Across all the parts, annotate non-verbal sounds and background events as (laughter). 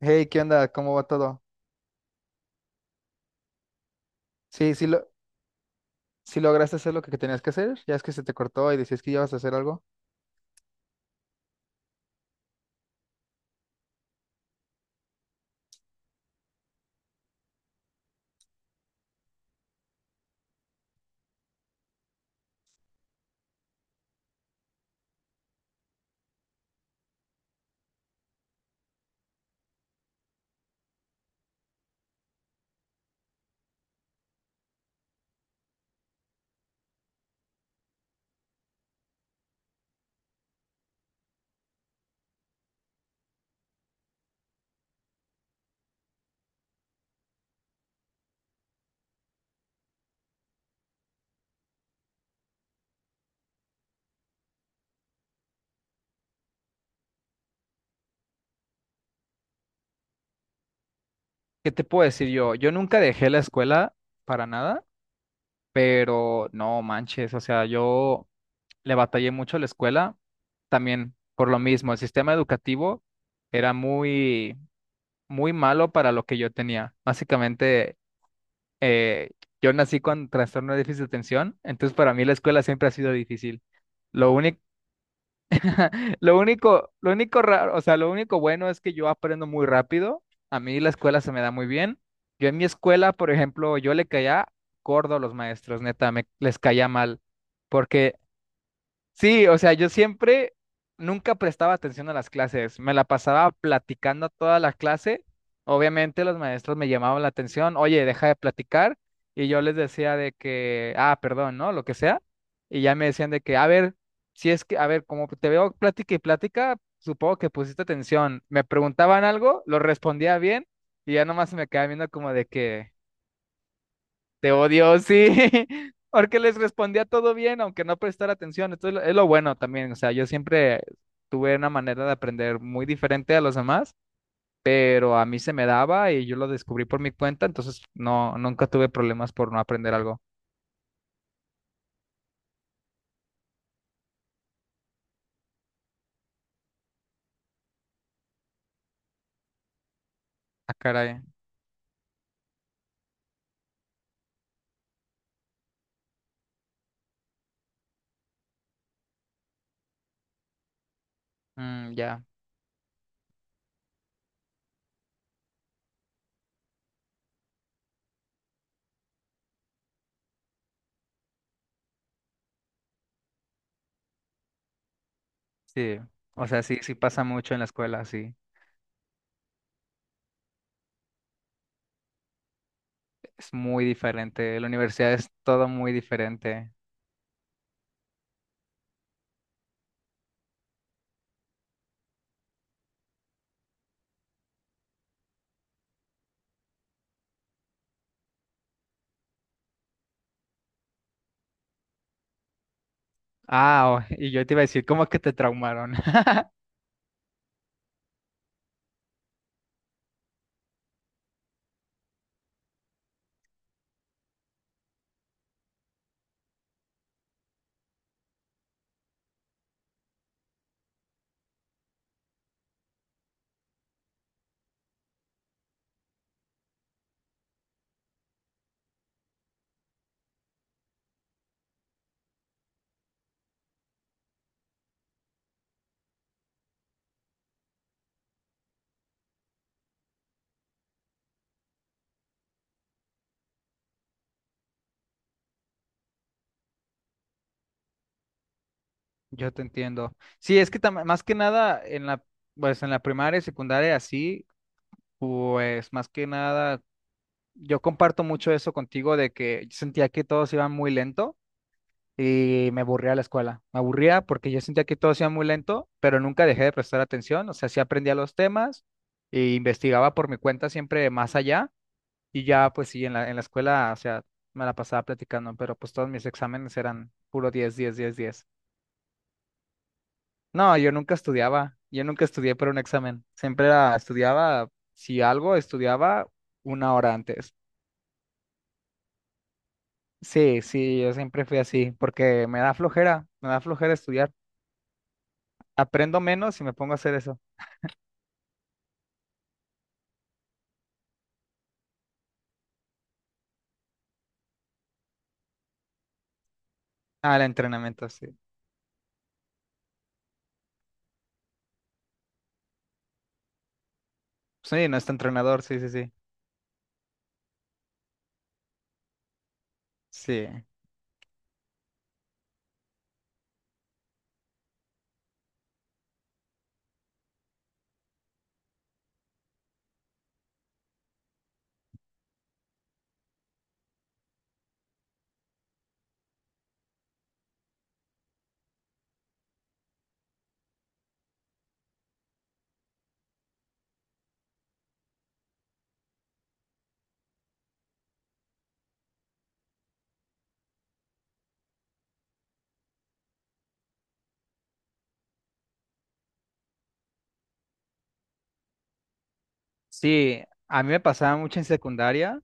Hey, ¿qué onda? ¿Cómo va todo? Sí, sí, sí lograste hacer lo que tenías que hacer. Ya es que se te cortó y decías que ibas a hacer algo. ¿Qué te puedo decir yo? Yo nunca dejé la escuela para nada, pero no manches, o sea, yo le batallé mucho a la escuela también por lo mismo. El sistema educativo era muy, muy malo para lo que yo tenía. Básicamente, eh, yo nací con trastorno de déficit de atención, entonces para mí la escuela siempre ha sido difícil. Lo único. (laughs) Lo único raro, o sea, lo único bueno es que yo aprendo muy rápido. A mí la escuela se me da muy bien. Yo en mi escuela, por ejemplo, yo le caía gordo a los maestros, neta, me les caía mal, porque sí, o sea, yo siempre nunca prestaba atención a las clases, me la pasaba platicando toda la clase. Obviamente los maestros me llamaban la atención, oye, deja de platicar, y yo les decía de que, ah, perdón, ¿no? Lo que sea, y ya me decían de que, a ver, si es que, a ver, como te veo plática y plática, supongo que pusiste atención. Me preguntaban algo, lo respondía bien, y ya nomás se me quedaba viendo como de que, te odio, sí. (laughs) Porque les respondía todo bien, aunque no prestara atención. Esto es lo bueno también. O sea, yo siempre tuve una manera de aprender muy diferente a los demás, pero a mí se me daba y yo lo descubrí por mi cuenta, entonces no, nunca tuve problemas por no aprender algo. Ah, caray. Mm, ya, sí. O sea, sí, sí pasa mucho en la escuela, sí. Es muy diferente. La universidad es todo muy diferente. Ah, oh, y yo te iba a decir, ¿cómo que te traumaron? (laughs) Yo te entiendo. Sí, es que más que nada en la, pues en la primaria y secundaria así, pues más que nada yo comparto mucho eso contigo de que yo sentía que todos iban muy lento y me aburría la escuela. Me aburría porque yo sentía que todos iban muy lento, pero nunca dejé de prestar atención, o sea, sí aprendía los temas e investigaba por mi cuenta siempre más allá, y ya pues sí en la escuela, o sea, me la pasaba platicando, pero pues todos mis exámenes eran puro 10 10 10 10. No, yo nunca estudiaba, yo nunca estudié para un examen. Siempre estudiaba, si algo, estudiaba una hora antes. Sí, sí, yo siempre fui así, porque me da flojera estudiar. Aprendo menos y me pongo a hacer eso. Ah, el entrenamiento, sí. Sí, nuestro entrenador, sí, sí, sí. Sí, sí, a mí me pasaba mucho en secundaria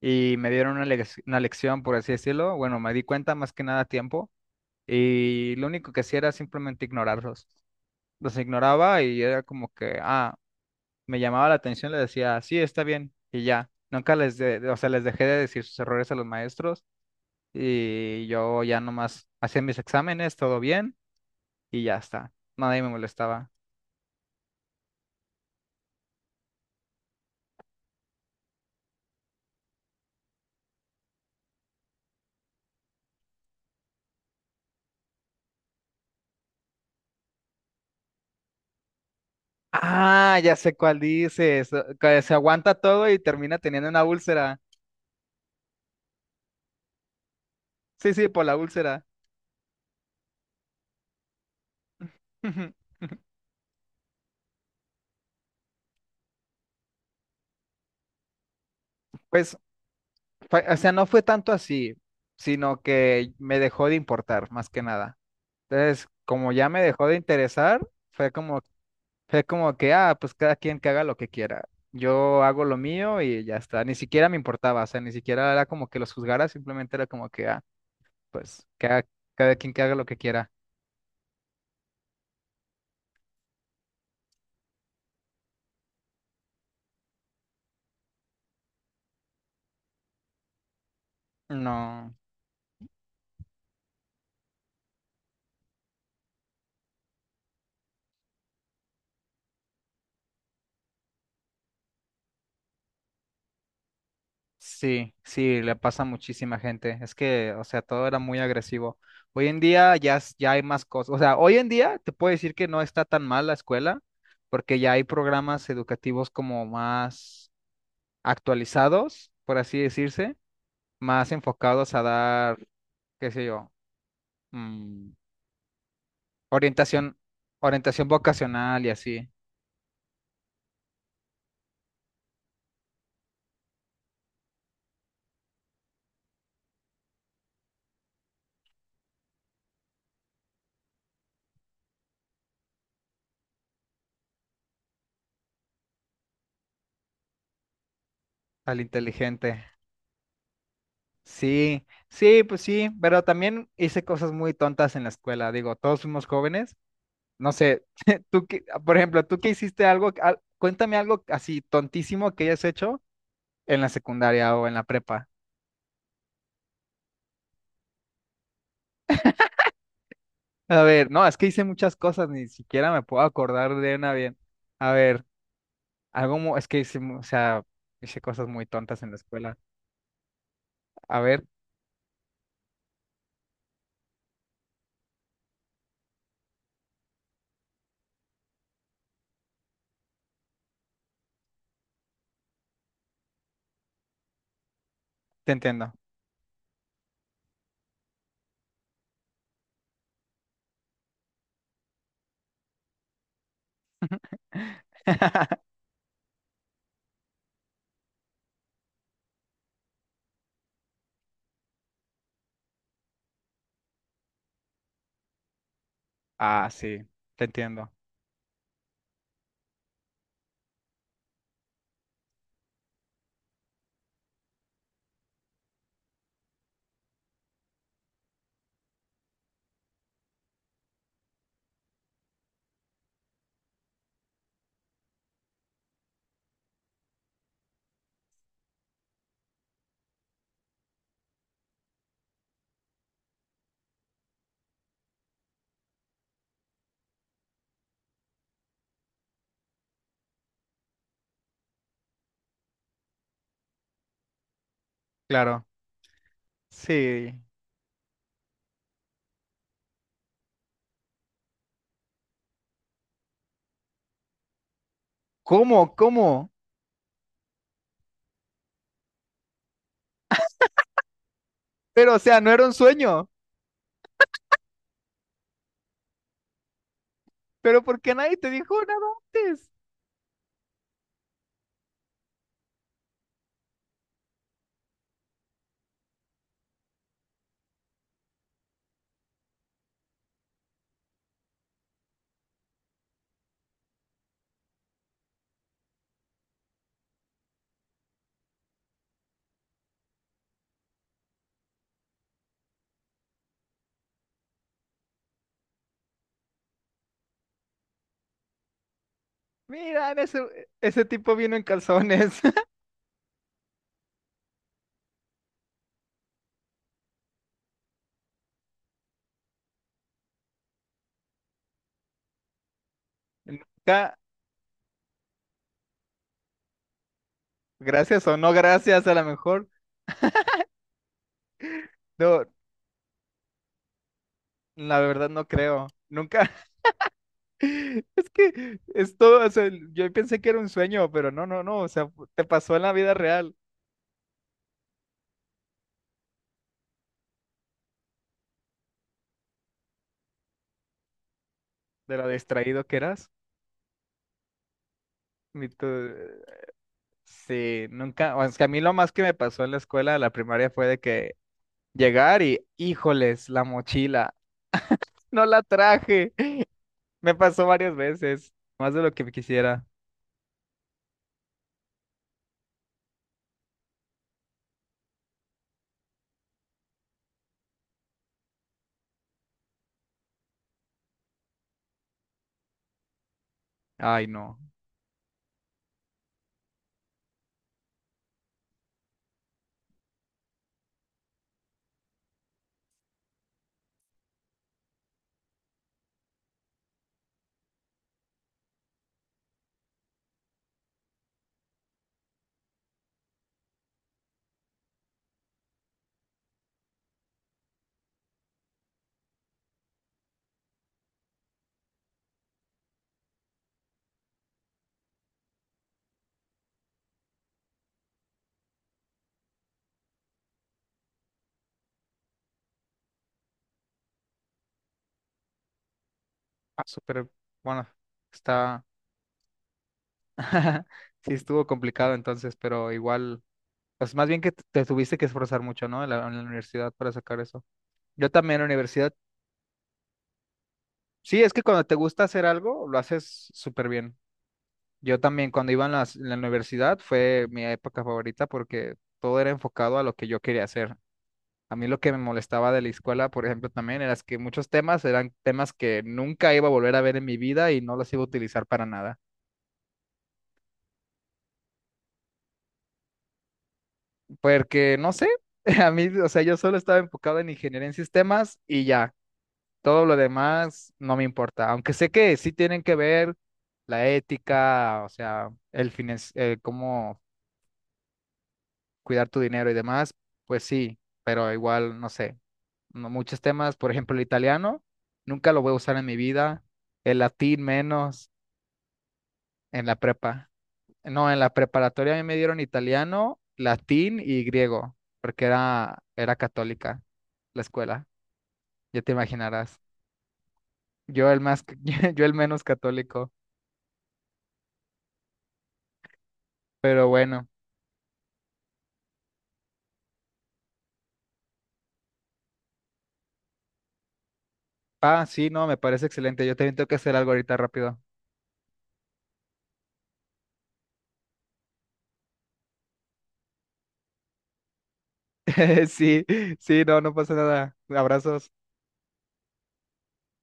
y me dieron una lección, por así decirlo. Bueno, me di cuenta más que nada a tiempo y lo único que hacía era simplemente ignorarlos. Los ignoraba y era como que, ah, me llamaba la atención, le decía, sí, está bien, y ya. Nunca les, o sea, les dejé de decir sus errores a los maestros y yo ya nomás hacía mis exámenes, todo bien, y ya está. Nadie me molestaba. Ah, ya sé cuál dices, que se aguanta todo y termina teniendo una úlcera. Sí, sí, por la úlcera. (laughs) Pues, o sea, no fue tanto así, sino que me dejó de importar, más que nada. Entonces, como ya me dejó de interesar, fue como. Es como que, ah, pues cada quien que haga lo que quiera. Yo hago lo mío y ya está. Ni siquiera me importaba, o sea, ni siquiera era como que los juzgara, simplemente era como que, ah, pues que cada quien que haga lo que quiera. No, sí, sí, le pasa a muchísima gente. Es que, o sea, todo era muy agresivo. Hoy en día ya, ya hay más cosas. O sea, hoy en día te puedo decir que no está tan mal la escuela, porque ya hay programas educativos como más actualizados, por así decirse, más enfocados a dar qué sé yo. Mm, orientación, orientación vocacional y así, al inteligente. Sí, sí, pues sí, pero también hice cosas muy tontas en la escuela. Digo, todos fuimos jóvenes. No sé, (laughs) tú que, por ejemplo, tú que hiciste algo, cuéntame algo así tontísimo que hayas hecho en la secundaria o en la prepa. A ver, no, es que hice muchas cosas, ni siquiera me puedo acordar de una bien. A ver, algo, es que hice, o sea, hice cosas muy tontas en la escuela. A ver, te entiendo. (laughs) Ah, sí, te entiendo. Claro. Sí. ¿Cómo? ¿Cómo? Pero, o sea, no era un sueño. Pero ¿por qué nadie te dijo nada antes? Mira, en ese tipo vino en calzones. (laughs) Nunca, gracias o no gracias, a lo mejor. No, la verdad no creo. Nunca. (laughs) Es que es todo, o sea, yo pensé que era un sueño, pero no, no, no. O sea, te pasó en la vida real, de lo distraído que eras. Ni tú- Sí, nunca, o sea, a mí lo más que me pasó en la escuela de la primaria fue de que llegar y, híjoles, la mochila, no la traje. (laughs) Me pasó varias veces, más de lo que quisiera. Ay, no. Ah, súper, bueno, está. (laughs) Sí estuvo complicado entonces, pero igual, pues más bien que te tuviste que esforzar mucho, ¿no? En la universidad para sacar eso. Yo también en la universidad, sí, es que cuando te gusta hacer algo, lo haces súper bien. Yo también cuando iba en en la, universidad, fue mi época favorita porque todo era enfocado a lo que yo quería hacer. A mí lo que me molestaba de la escuela, por ejemplo, también era que muchos temas eran temas que nunca iba a volver a ver en mi vida y no los iba a utilizar para nada. Porque, no sé, (laughs) a mí, o sea, yo solo estaba enfocado en ingeniería en sistemas y ya, todo lo demás no me importa. Aunque sé que sí tienen que ver la ética, o sea, el fin, cuidar tu dinero y demás, pues sí, pero igual, no sé, muchos temas, por ejemplo, el italiano, nunca lo voy a usar en mi vida, el latín menos, en la prepa. No, en la preparatoria a mí me dieron italiano, latín y griego, porque era católica la escuela, ya te imaginarás. Yo el más, (laughs) yo el menos católico, pero bueno. Ah, sí, no, me parece excelente. Yo también tengo que hacer algo ahorita rápido. (laughs) Sí, sí, no, no pasa nada. Abrazos.